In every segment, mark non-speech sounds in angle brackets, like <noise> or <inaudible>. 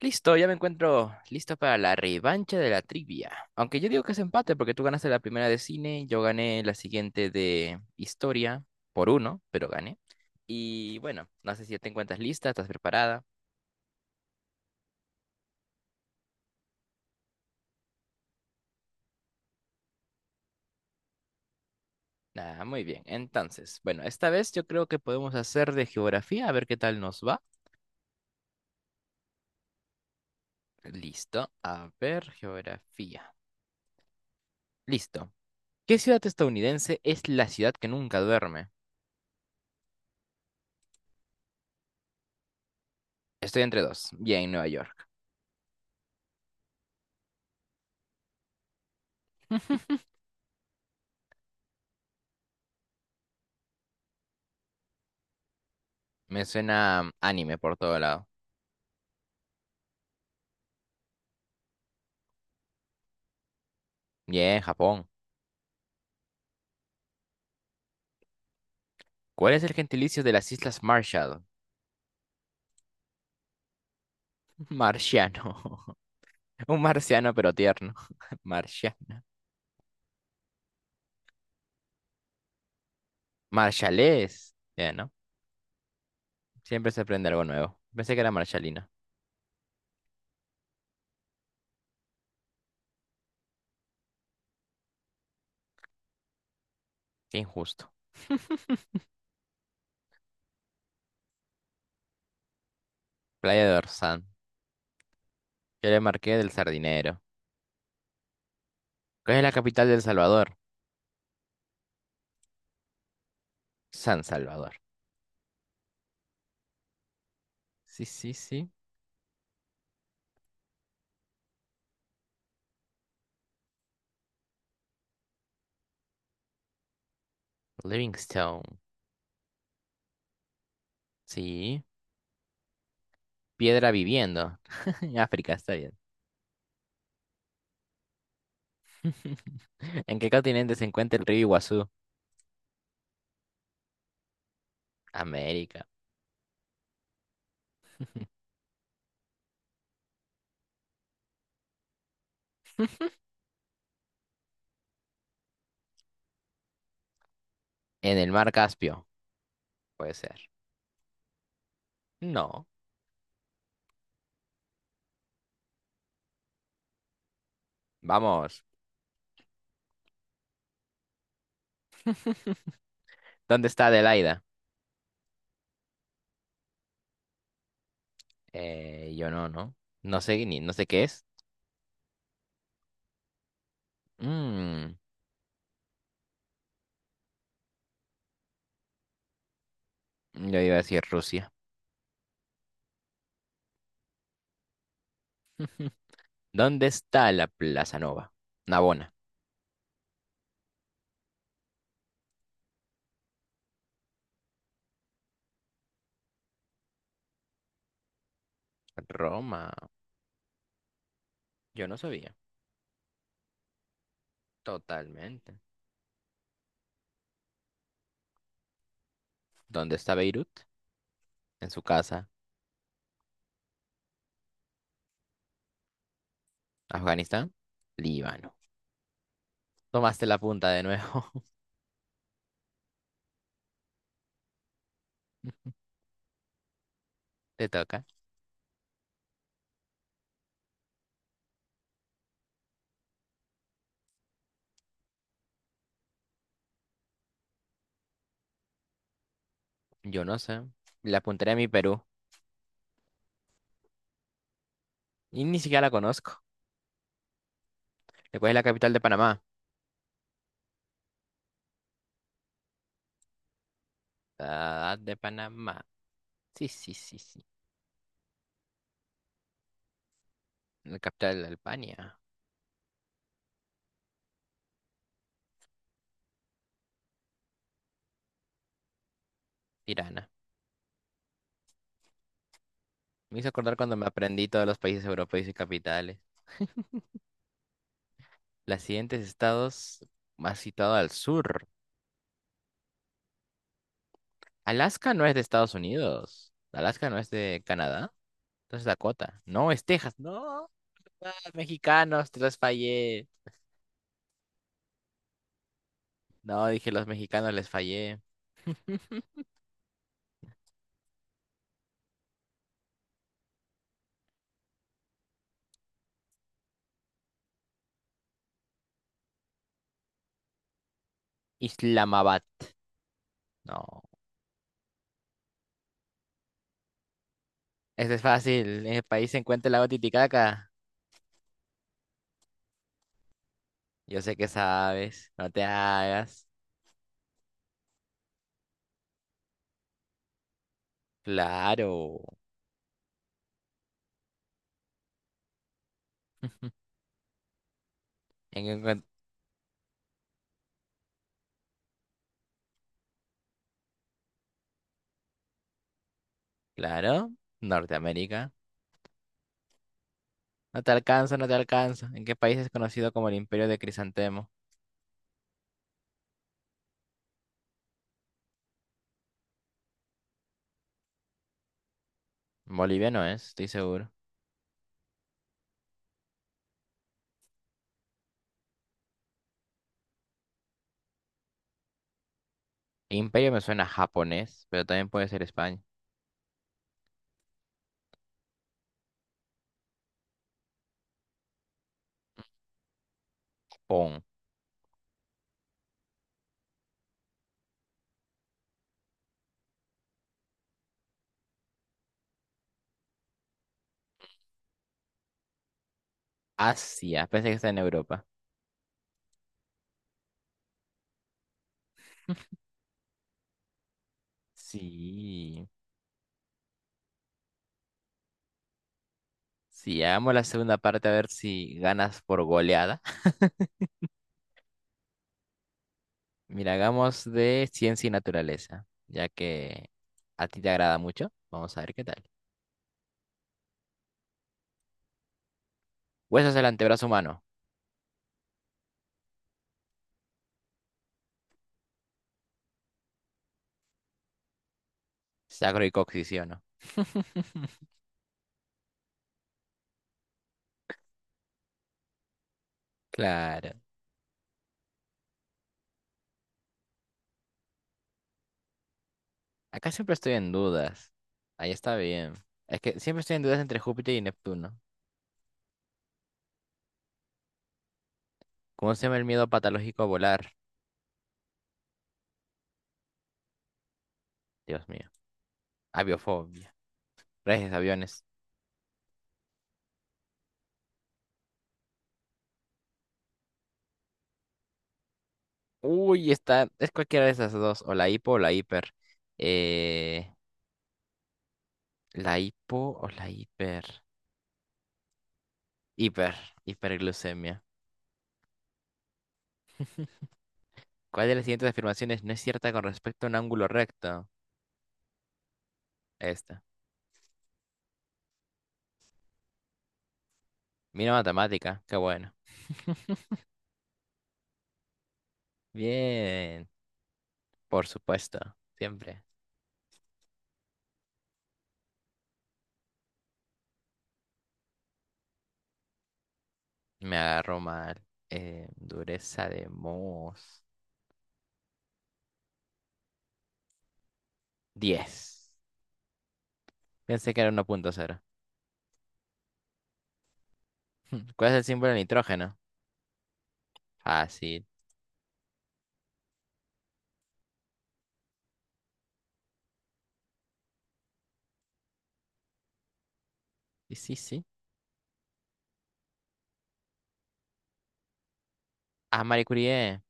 Listo, ya me encuentro listo para la revancha de la trivia. Aunque yo digo que es empate porque tú ganaste la primera de cine, yo gané la siguiente de historia por uno, pero gané. Y bueno, no sé si ya te encuentras lista, estás preparada. Ah, muy bien. Entonces, bueno, esta vez yo creo que podemos hacer de geografía, a ver qué tal nos va. Listo, a ver, geografía. Listo. ¿Qué ciudad estadounidense es la ciudad que nunca duerme? Estoy entre dos. Bien, Nueva York. Me suena anime por todo lado. Bien, Japón. ¿Cuál es el gentilicio de las Islas Marshall? <laughs> Marciano. <laughs> Un marciano, pero tierno. <laughs> Marcia. Marshallés. Ya, ¿no? Siempre se aprende algo nuevo. Pensé que era Marshallina. Qué injusto. Playa de Orsán. Yo le marqué del Sardinero. ¿Cuál es la capital de El Salvador? San Salvador. Sí, sí, sí. Livingstone. Sí. Piedra viviendo. <laughs> África, está bien. <laughs> ¿En qué continente se encuentra el río Iguazú? América. <laughs> En el mar Caspio. Puede ser. No. Vamos. ¿Dónde está Adelaida? Yo no, no. No sé ni, no sé qué es. Mm, yo iba a decir Rusia. ¿Dónde está la Plaza Nova? Navona. Roma. Yo no sabía. Totalmente. ¿Dónde está Beirut? En su casa. Afganistán. Líbano. Tomaste la punta de nuevo. <laughs> Te toca. Yo no sé. La apuntaré a mi Perú. Y ni siquiera la conozco. ¿Cuál es la capital de Panamá? Ah, de Panamá. Sí, sí, sí, sí. La capital de Albania, Tirana. Me hizo acordar cuando me aprendí todos los países europeos y capitales. Los siguientes estados más situados al sur. Alaska no es de Estados Unidos. Alaska no es de Canadá. Entonces Dakota. No, es Texas. No, ah, mexicanos, te los fallé. No, dije los mexicanos les fallé. Islamabad. No. Este es fácil. En el país se encuentra el lago Titicaca. Yo sé que sabes. No te hagas. Claro. <laughs> En, Claro, Norteamérica. No te alcanza, no te alcanza. ¿En qué país es conocido como el Imperio de Crisantemo? Bolivia no es, estoy seguro. Imperio me suena a japonés, pero también puede ser España. Pon. Asia, pensé que está en Europa. Sí. Sí, hagamos la segunda parte a ver si ganas por goleada. <laughs> Mira, hagamos de ciencia y naturaleza, ya que a ti te agrada mucho. Vamos a ver qué tal. Huesos del antebrazo humano. Sacro y coxis, ¿sí o no? <laughs> Claro. Acá siempre estoy en dudas. Ahí está bien. Es que siempre estoy en dudas entre Júpiter y Neptuno. ¿Cómo se llama el miedo patológico a volar? Dios mío. Aviofobia. Reyes, aviones. Uy, está. Es cualquiera de esas dos. O la hipo o la hiper. Eh, la hipo o la hiper. Hiper. Hiperglucemia. ¿Cuál de las siguientes afirmaciones no es cierta con respecto a un ángulo recto? Esta. Mira matemática. Qué bueno. Bien. Por supuesto. Siempre. Me agarró mal. Dureza de mos. 10. Pensé que era 1.0 <laughs> ¿Cuál es el símbolo del nitrógeno? Fácil. Y sí, sí. Ah, Marie Curie.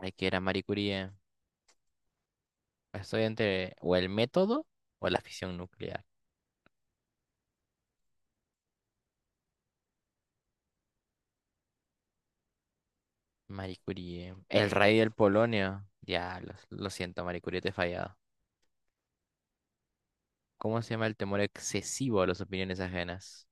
Ay, que era Marie Curie. Estoy entre o el método o la fisión nuclear. Marie Curie. El rey del polonio. Ya, lo siento, Marie Curie, te he fallado. ¿Cómo se llama el temor excesivo a las opiniones ajenas?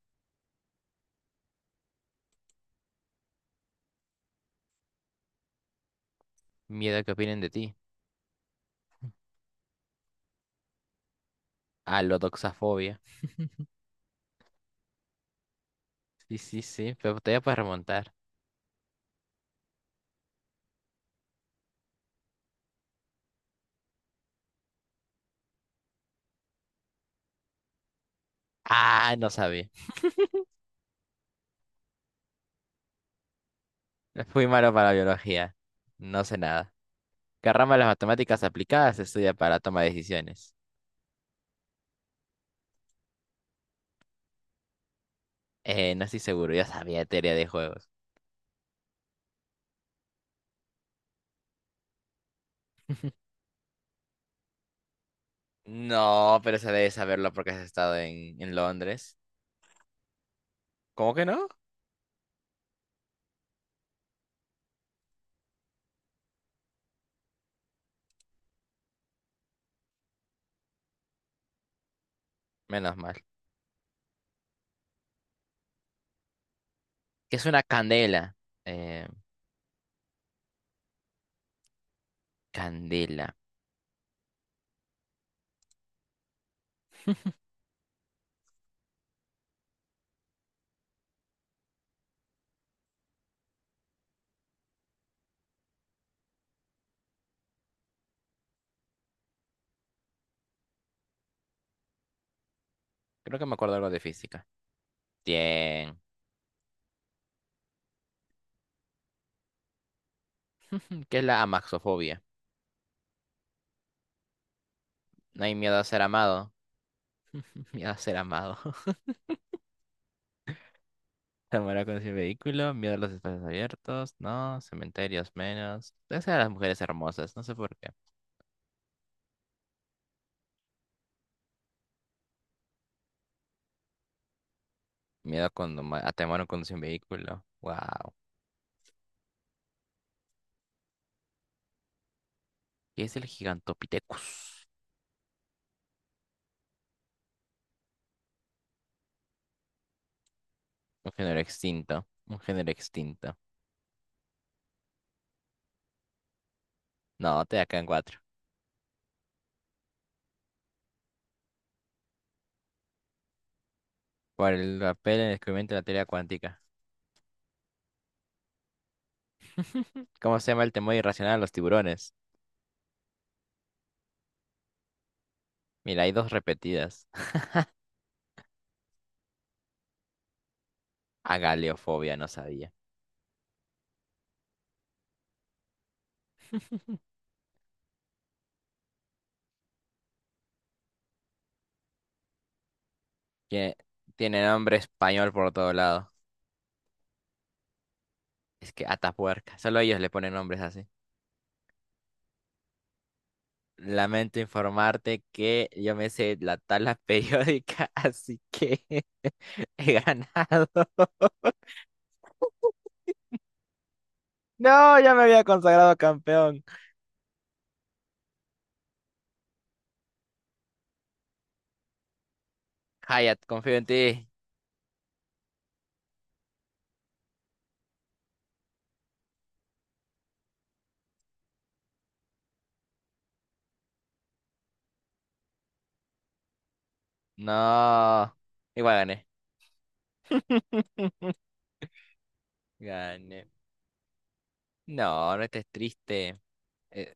Miedo a que opinen de ti. Ah, la doxafobia. Sí, sí, sí, pero todavía puedes remontar. Ah, no sabía. Fui malo para la biología. No sé nada. ¿Qué rama de las matemáticas aplicadas se estudia para toma de decisiones? No estoy seguro, yo sabía de teoría de juegos. No, pero se debe saberlo porque has estado en Londres. ¿Cómo que no? Menos mal. ¿Qué es una candela? Eh, candela. Creo que me acuerdo algo de física. Bien. <laughs> ¿Qué es la amaxofobia? No hay miedo a ser amado. <laughs> Miedo a ser amado. Zamora con su vehículo, miedo a los espacios abiertos, no, cementerios menos. Esa a las mujeres hermosas, no sé por qué. Miedo cuando ma- a temor con un vehículo. Wow. ¿Qué es el Gigantopithecus? Un género extinto. Un género extinto. No, te da acá en cuatro. Por el papel en el descubrimiento de la teoría cuántica. ¿Cómo se llama el temor irracional a los tiburones? Mira, hay dos repetidas. <laughs> Agaleofobia, no sabía. Tiene, tiene nombre español por todo lado. Es que Atapuerca. Solo ellos le ponen nombres así. Lamento informarte que yo me sé la tabla periódica, <laughs> así que <laughs> he ganado. <laughs> No, ya me había consagrado campeón. Hayat, confío en ti. No, igual gané. <laughs> Gané. No, no estés triste. Eh,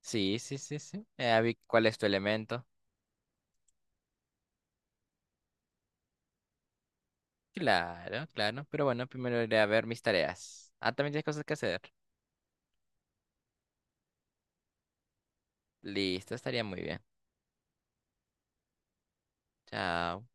sí, sí, sí, sí. Ya vi cuál es tu elemento. Claro, claro. Pero bueno, primero iré a ver mis tareas. Ah, también tienes cosas que hacer. Listo, estaría muy bien. Chao.